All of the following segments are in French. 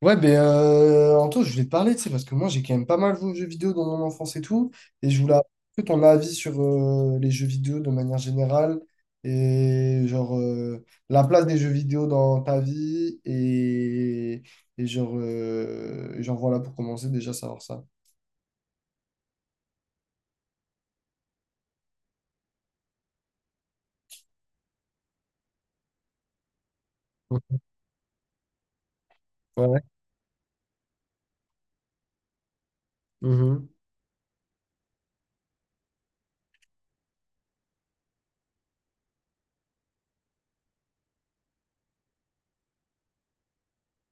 Ouais, Anto, je voulais te parler, tu sais, parce que moi, j'ai quand même pas mal joué aux jeux vidéo dans mon enfance et tout, et je voulais avoir un peu ton avis sur les jeux vidéo de manière générale, et la place des jeux vidéo dans ta vie, et genre voilà, pour commencer, déjà savoir ça. Mhm. Ouais.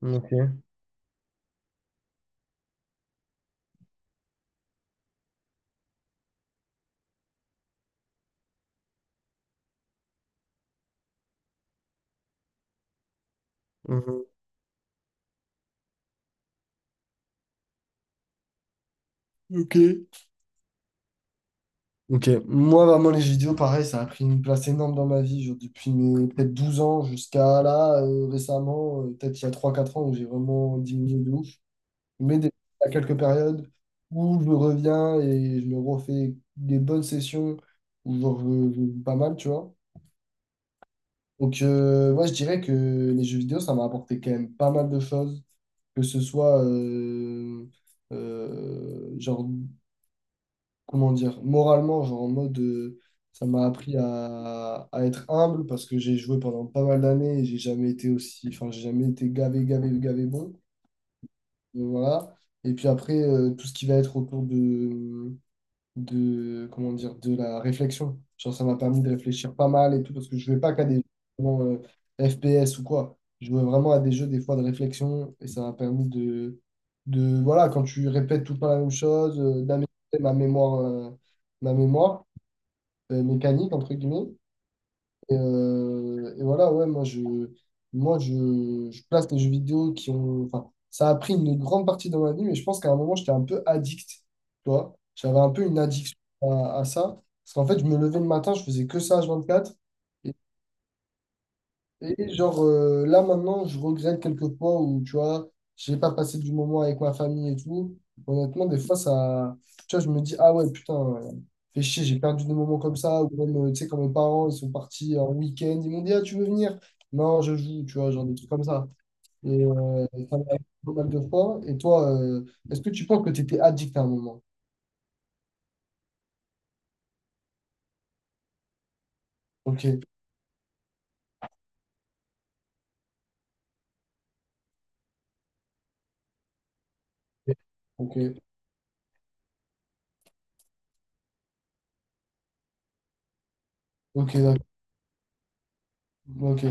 Mhm. Ok. Mhm. Ok. Ok, moi vraiment les jeux vidéo, pareil, ça a pris une place énorme dans ma vie, genre, depuis mes peut-être 12 ans jusqu'à là, récemment, peut-être il y a 3 4 ans où j'ai vraiment diminué de ouf. Mais des- à quelques périodes où je reviens et je me refais des bonnes sessions où genre, je joue pas mal, tu vois. Donc ouais, je dirais que les jeux vidéo, ça m'a apporté quand même pas mal de choses, que ce soit euh, genre comment dire, moralement, genre en mode, ça m'a appris à être humble parce que j'ai joué pendant pas mal d'années et j'ai jamais été aussi, enfin, j'ai jamais été gavé, gavé, gavé bon. Donc, voilà. Et puis après, tout ce qui va être autour de, comment dire, de la réflexion. Genre, ça m'a permis de réfléchir pas mal et tout, parce que je jouais pas qu'à des jeux vraiment, FPS ou quoi. Je jouais vraiment à des jeux, des fois, de réflexion, et ça m'a permis de, voilà, quand tu répètes tout le temps la même chose, d'améliorer ma mémoire, ma mémoire mécanique, entre guillemets, et voilà, ouais, moi, je place les jeux vidéo qui ont. Enfin, ça a pris une grande partie dans ma vie, mais je pense qu'à un moment, j'étais un peu addict. Tu vois, j'avais un peu une addiction à ça. Parce qu'en fait, je me levais le matin, je faisais que ça h quatre et là maintenant, je regrette quelques fois où, tu vois, j'ai pas passé du moment avec ma famille et tout. Honnêtement, des fois, ça, tu vois, je me dis, ah ouais, putain, fais chier, j'ai perdu des moments comme ça. Ou même, tu sais, quand mes parents, ils sont partis en week-end, ils m'ont dit, ah, tu veux venir? Non, je joue, tu vois, genre des trucs comme ça. Et ça m'a arrivé pas mal de fois. Et toi, est-ce que tu penses que tu étais addict à un moment? Ok, ok, ok, d'accord. Ok,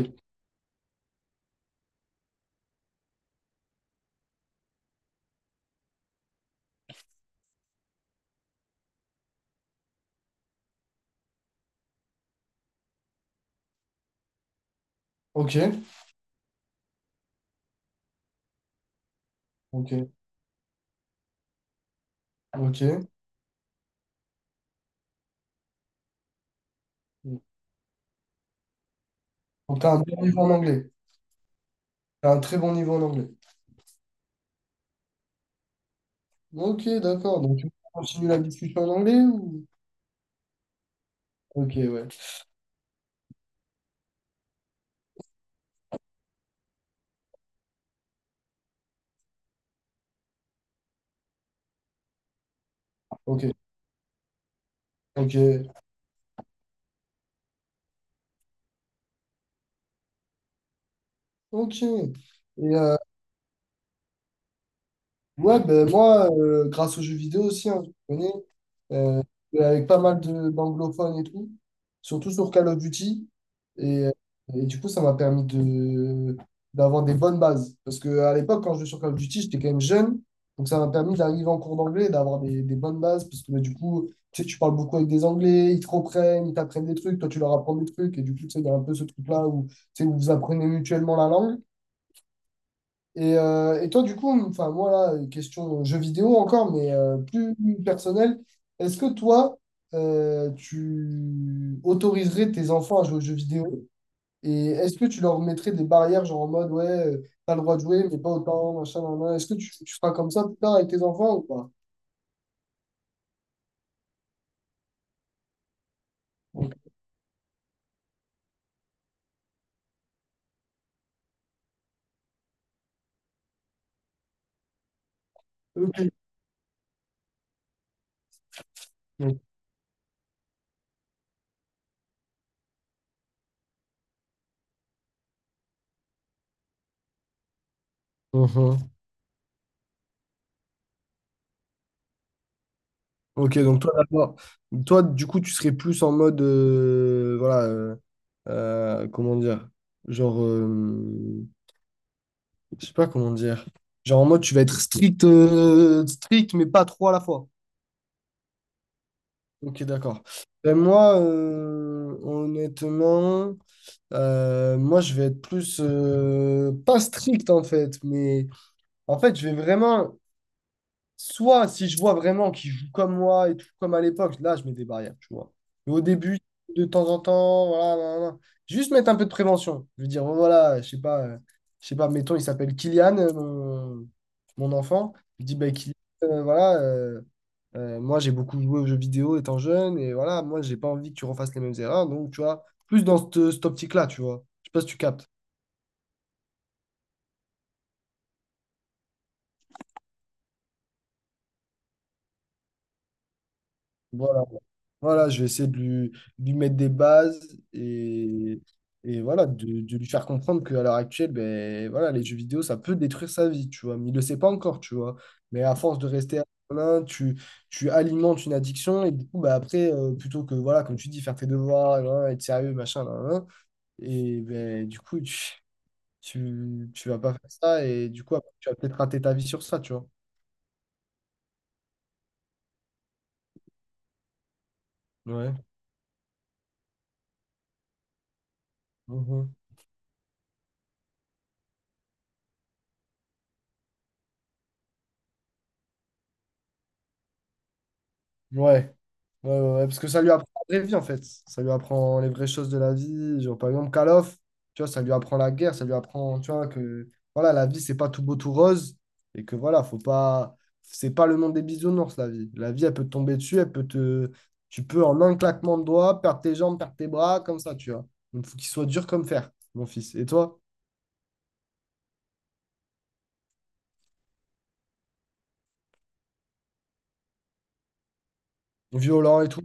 ok, ok, ok. Donc, t'as un bon niveau en anglais. T'as un très bon niveau en anglais. Ok, d'accord. Donc, tu continues la discussion en anglais ou... Ok, ouais. Ok, ok, ok. Et, euh, ouais, ben moi, grâce aux jeux vidéo aussi, hein, je connais, euh, avec pas mal de- d'anglophones et tout, surtout sur Call of Duty. Et, euh, et du coup, ça m'a permis d'avoir des bonnes bases. Parce que à l'époque, quand je jouais sur Call of Duty, j'étais quand même jeune. Donc, ça m'a permis d'arriver en cours d'anglais et d'avoir des bonnes bases. Parce que ben, du coup, tu sais, tu parles beaucoup avec des Anglais, ils te reprennent, ils t'apprennent des trucs, toi, tu leur apprends des trucs. Et du coup, tu sais, il y a un peu ce truc-là où, tu sais, où vous apprenez mutuellement la langue. Et toi, du coup, enfin, moi, là, une question jeu vidéo encore, mais plus personnelle, est-ce que toi, tu autoriserais tes enfants à jouer aux jeux vidéo? Et est-ce que tu leur mettrais des barrières, genre en mode, ouais, t'as le droit de jouer, mais pas autant, machin, nan, nan. Est-ce que tu feras comme ça plus tard avec tes enfants ou pas? Donc, ok. Mhm. Ok, donc toi, d'accord. Toi, du coup, tu serais plus en mode, voilà, comment dire, genre, je sais pas comment dire. Genre en mode, tu vas être strict, strict, mais pas trop à la fois. Ok, d'accord. Ben, moi, honnêtement, moi, je vais être plus, pas strict en fait, mais en fait, je vais vraiment soit si je vois vraiment qu'ils jouent comme moi et tout comme à l'époque, là je mets des barrières, tu vois. Mais au début, de temps en temps, voilà, nan, nan. Nan. Juste mettre un peu de prévention. Je veux dire, bon, voilà, je sais pas, mettons, il s'appelle Kylian, mon enfant. Je dis, bah, Kylian, euh, voilà, euh, moi j'ai beaucoup joué aux jeux vidéo étant jeune, et voilà, moi j'ai pas envie que tu refasses les mêmes erreurs. Donc, tu vois, plus dans cette optique-là, tu vois. Je sais pas si tu captes. Voilà, voilà, je vais essayer de lui mettre des bases et, et voilà, de lui faire comprendre qu'à l'heure actuelle, ben, voilà, les jeux vidéo, ça peut détruire sa vie, tu vois. Mais il le sait pas encore, tu vois. Mais à force de rester à l'un, tu alimentes une addiction et du coup, ben, après, plutôt que, voilà, comme tu dis, faire tes devoirs, là, là, être sérieux, machin, là, là, là, et ben, du coup, tu vas pas faire ça et du coup, après, tu vas peut-être rater ta vie sur ça, tu vois. Ouais. Mhm. Ouais. Ouais, ouais, ouais, parce que ça lui apprend la vraie vie en fait. Ça lui apprend les vraies choses de la vie. Genre, par exemple, Call of, tu vois, ça lui apprend la guerre, ça lui apprend, tu vois, que voilà, la vie, c'est pas tout beau, tout rose. Et que voilà, faut pas. C'est pas le monde des bisounours, la vie. La vie, elle peut te tomber dessus, elle peut te. Tu peux en un claquement de doigts perdre tes jambes, perdre tes bras, comme ça, tu vois. Donc, faut qu'il soit dur comme fer, mon fils. Et toi? Violent et tout.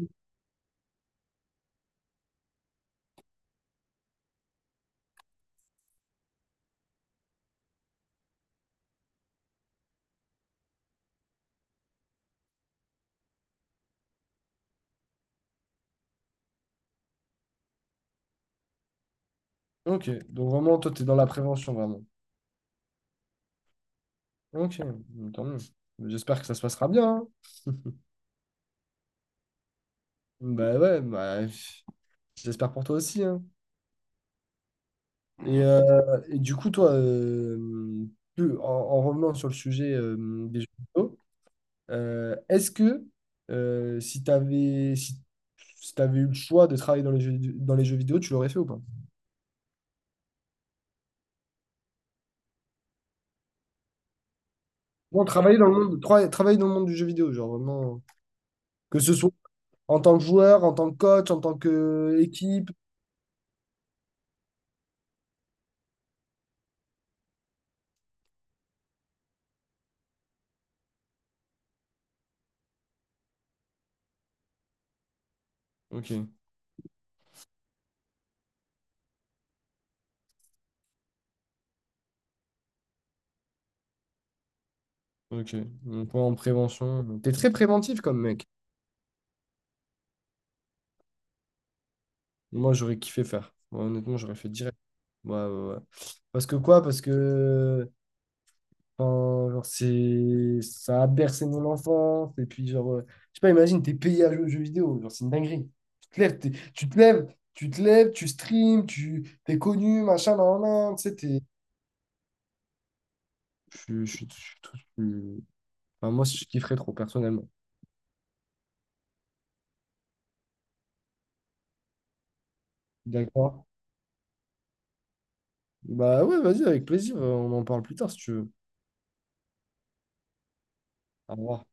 Ok. Donc, vraiment, toi, t'es dans la prévention, vraiment. Ok. Tant mieux. J'espère que ça se passera bien, hein. Bah ouais, bah, pff, j'espère pour toi aussi, hein. Et du coup, toi, en revenant sur le sujet des jeux vidéo, est-ce que euh, si t'avais si, si t'avais eu le choix de travailler dans les jeux vidéo, tu l'aurais fait ou pas? Non, travailler dans le monde, travailler dans le monde du jeu vidéo, genre vraiment, que ce soit en tant que joueur, en tant que coach, en tant que équipe. Ok, ok. Donc, ouais, en prévention. T'es très préventif comme mec. Moi, j'aurais kiffé faire. Moi, honnêtement, j'aurais fait direct. Ouais, ouais, ouais. Parce que quoi? Parce que enfin, genre, c'est ça a bercé mon enfance. Et puis, genre, je sais pas, imagine, t'es payé à jouer aux jeux vidéo. Genre, c'est une dinguerie. Tu te lèves, tu te lèves, tu stream, tu t'es connu, machin, nan, nan, nan, tu sais, t'es... je- suis tout. Je- suis- enfin, moi, je kifferais trop, personnellement. D'accord? Bah ouais, vas-y, avec plaisir. On en parle plus tard, si tu veux. Au revoir.